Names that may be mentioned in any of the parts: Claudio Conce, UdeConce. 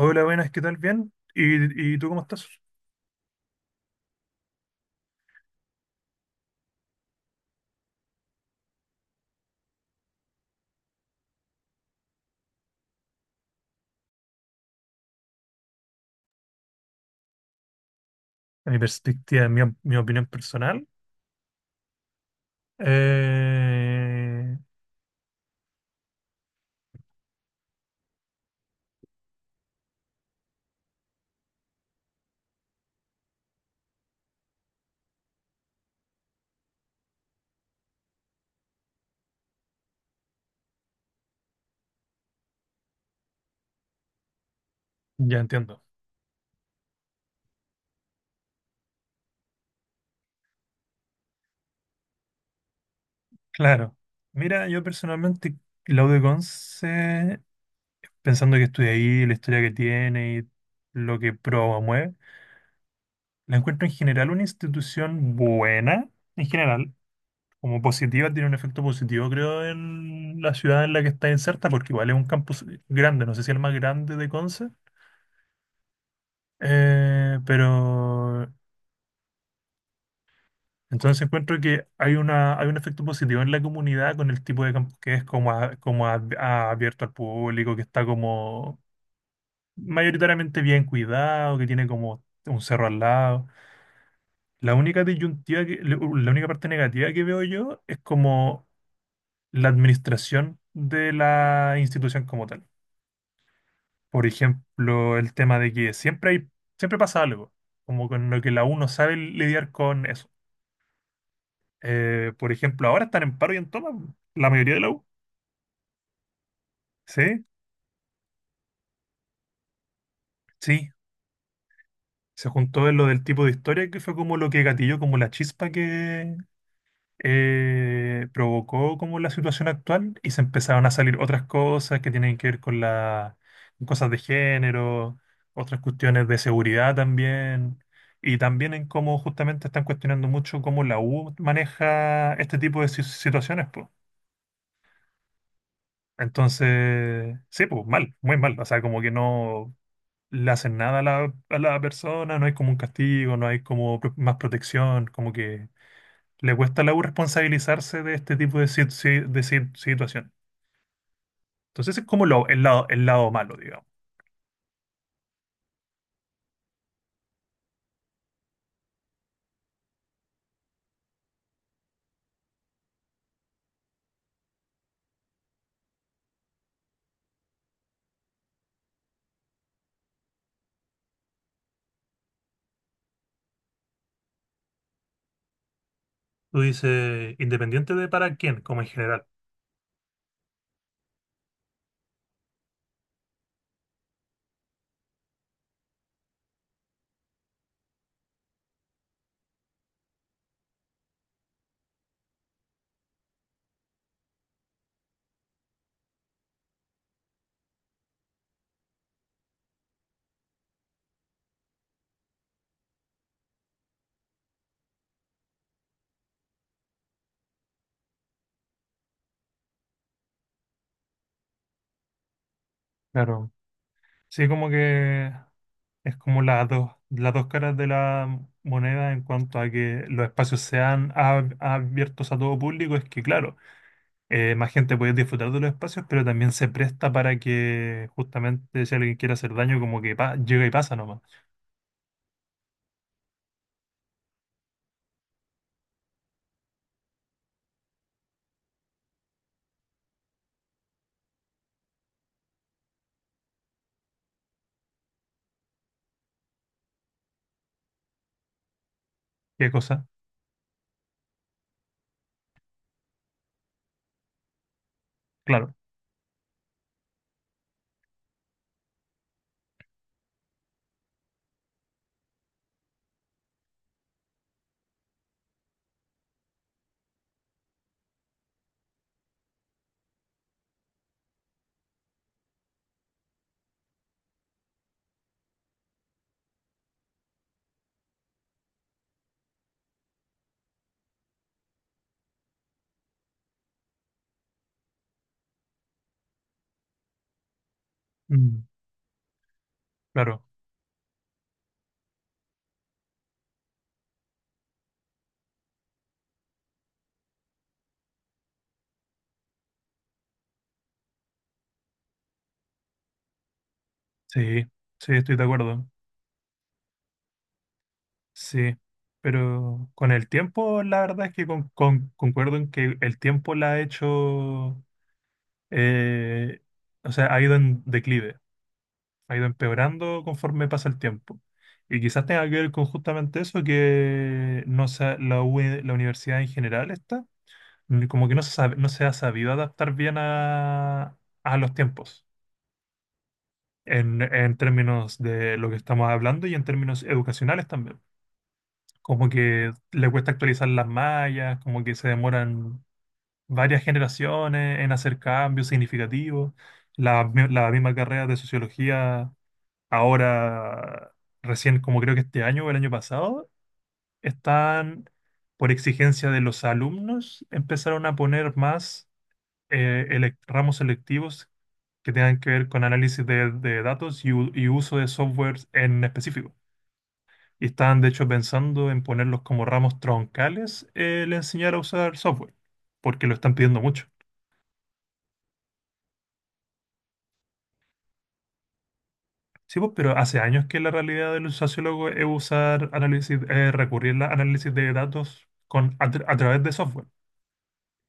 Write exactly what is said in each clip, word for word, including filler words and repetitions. Hola, buenas, ¿qué tal? Bien. ¿Y, y tú cómo estás? En mi perspectiva, en mi, op- mi opinión personal, eh, ya entiendo. Claro. Mira, yo personalmente, Claudio Conce, pensando que estudia ahí, la historia que tiene y lo que promueve, la encuentro en general una institución buena, en general, como positiva, tiene un efecto positivo, creo, en la ciudad en la que está inserta, porque igual es un campus grande, no sé si el más grande de Conce. Eh, pero entonces encuentro que hay una, hay un efecto positivo en la comunidad con el tipo de campus que es como, a- como a- a- abierto al público, que está como mayoritariamente bien cuidado, que tiene como un cerro al lado. La única disyuntiva que- la única parte negativa que veo yo es como la administración de la institución como tal. Por ejemplo, el tema de que siempre hay, siempre pasa algo, como con lo que la U no sabe lidiar con eso. Eh, por ejemplo, ahora están en paro y en toma la mayoría de la U. Sí, sí. Se juntó en lo del tipo de historia que fue como lo que gatilló, como la chispa que eh, provocó como la situación actual y se empezaron a salir otras cosas que tienen que ver con las cosas de género, otras cuestiones de seguridad también. Y también en cómo justamente están cuestionando mucho cómo la U maneja este tipo de si- situaciones, pues. Entonces, sí, pues mal, muy mal. O sea, como que no le hacen nada a la, a la persona, no hay como un castigo, no hay como pro- más protección, como que le cuesta a la U responsabilizarse de este tipo de, sit- si- de sit- situación. Entonces es como lo, el lado, el lado malo, digamos. Tú dices, independiente de para quién, como en general. Claro. Sí, como que es como las dos, las dos caras de la moneda en cuanto a que los espacios sean ab- abiertos a todo público, es que claro. Eh, más gente puede disfrutar de los espacios, pero también se presta para que justamente si alguien quiere hacer daño, como que pa- llega y pasa nomás. ¿Qué cosa? Claro. Mm, claro. Sí, sí, estoy de acuerdo. Sí. Pero con el tiempo, la verdad es que con- con- concuerdo en que el tiempo la ha hecho, eh, o sea, ha ido en declive, ha ido empeorando conforme pasa el tiempo. Y quizás tenga que ver con justamente eso, que no sé, la, U- la universidad en general está n- como que no se sabe- no se ha sabido adaptar bien a, a los tiempos, en, en términos de lo que estamos hablando y en términos educacionales también. Como que le cuesta actualizar las mallas, como que se demoran varias generaciones en hacer cambios significativos. La, mi- la misma carrera de sociología, ahora recién, como creo que este año o el año pasado, están, por exigencia de los alumnos, empezaron a poner más eh, elec- ramos selectivos que tengan que ver con análisis de, de datos y, u- y uso de software en específico. Y estaban de hecho pensando en ponerlos como ramos troncales el enseñar a usar software, porque lo están pidiendo mucho. Sí, pues, pero hace años que la realidad del sociólogo es usar análisis, eh, recurrir al análisis de datos con, a, tra- a través de software.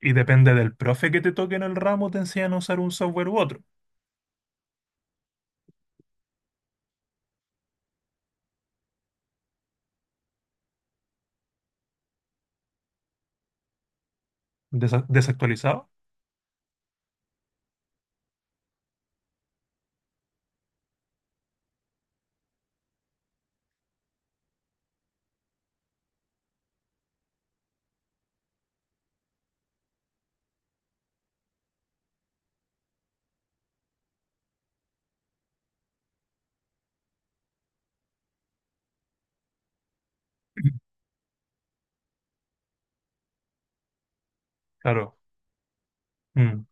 Y depende del profe que te toque en el ramo, te enseñan a usar un software u otro. Desa- desactualizado. Claro, mm,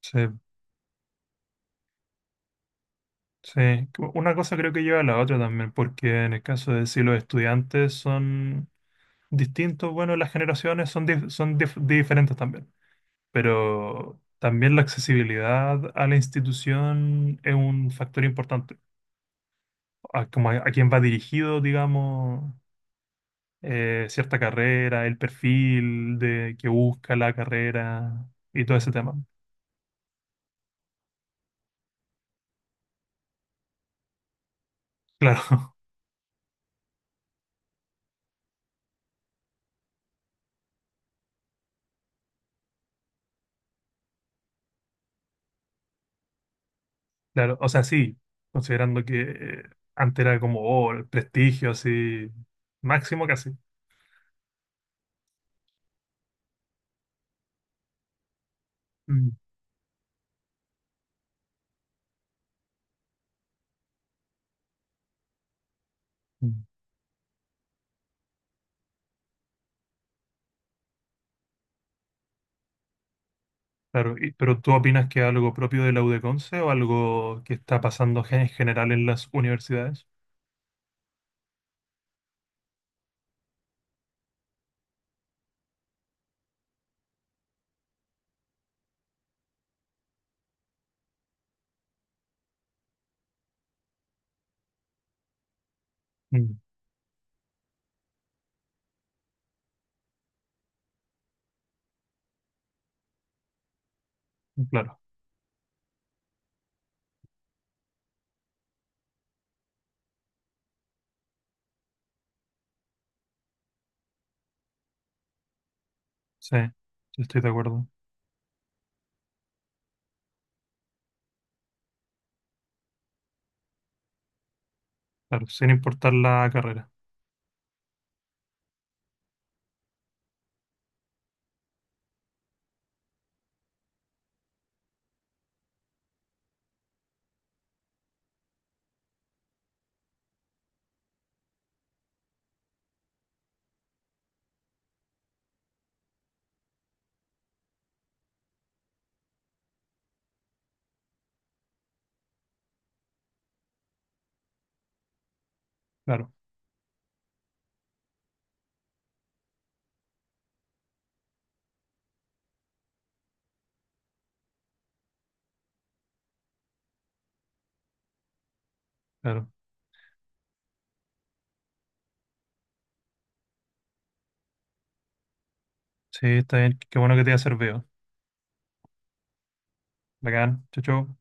sí, sí. Una cosa creo que lleva a la otra también, porque en el caso de si los estudiantes son distintos, bueno, las generaciones son, dif- son dif- diferentes también, pero también la accesibilidad a la institución es un factor importante, a, como a, a quién va dirigido, digamos, eh, cierta carrera, el perfil de que busca la carrera y todo ese tema. Claro, claro, o sea, sí, considerando que eh, antes era como oh, el prestigio así máximo casi. Mm, mm. Claro, y pero ¿tú opinas que es algo propio de la UdeConce o algo que está pasando gen- en general en las universidades? Mm, claro, sí, sí, estoy de acuerdo. Claro, sin importar la carrera. Claro, claro. Sí, está bien. Qué bueno que te haya servido. Bacán. Chau, chau.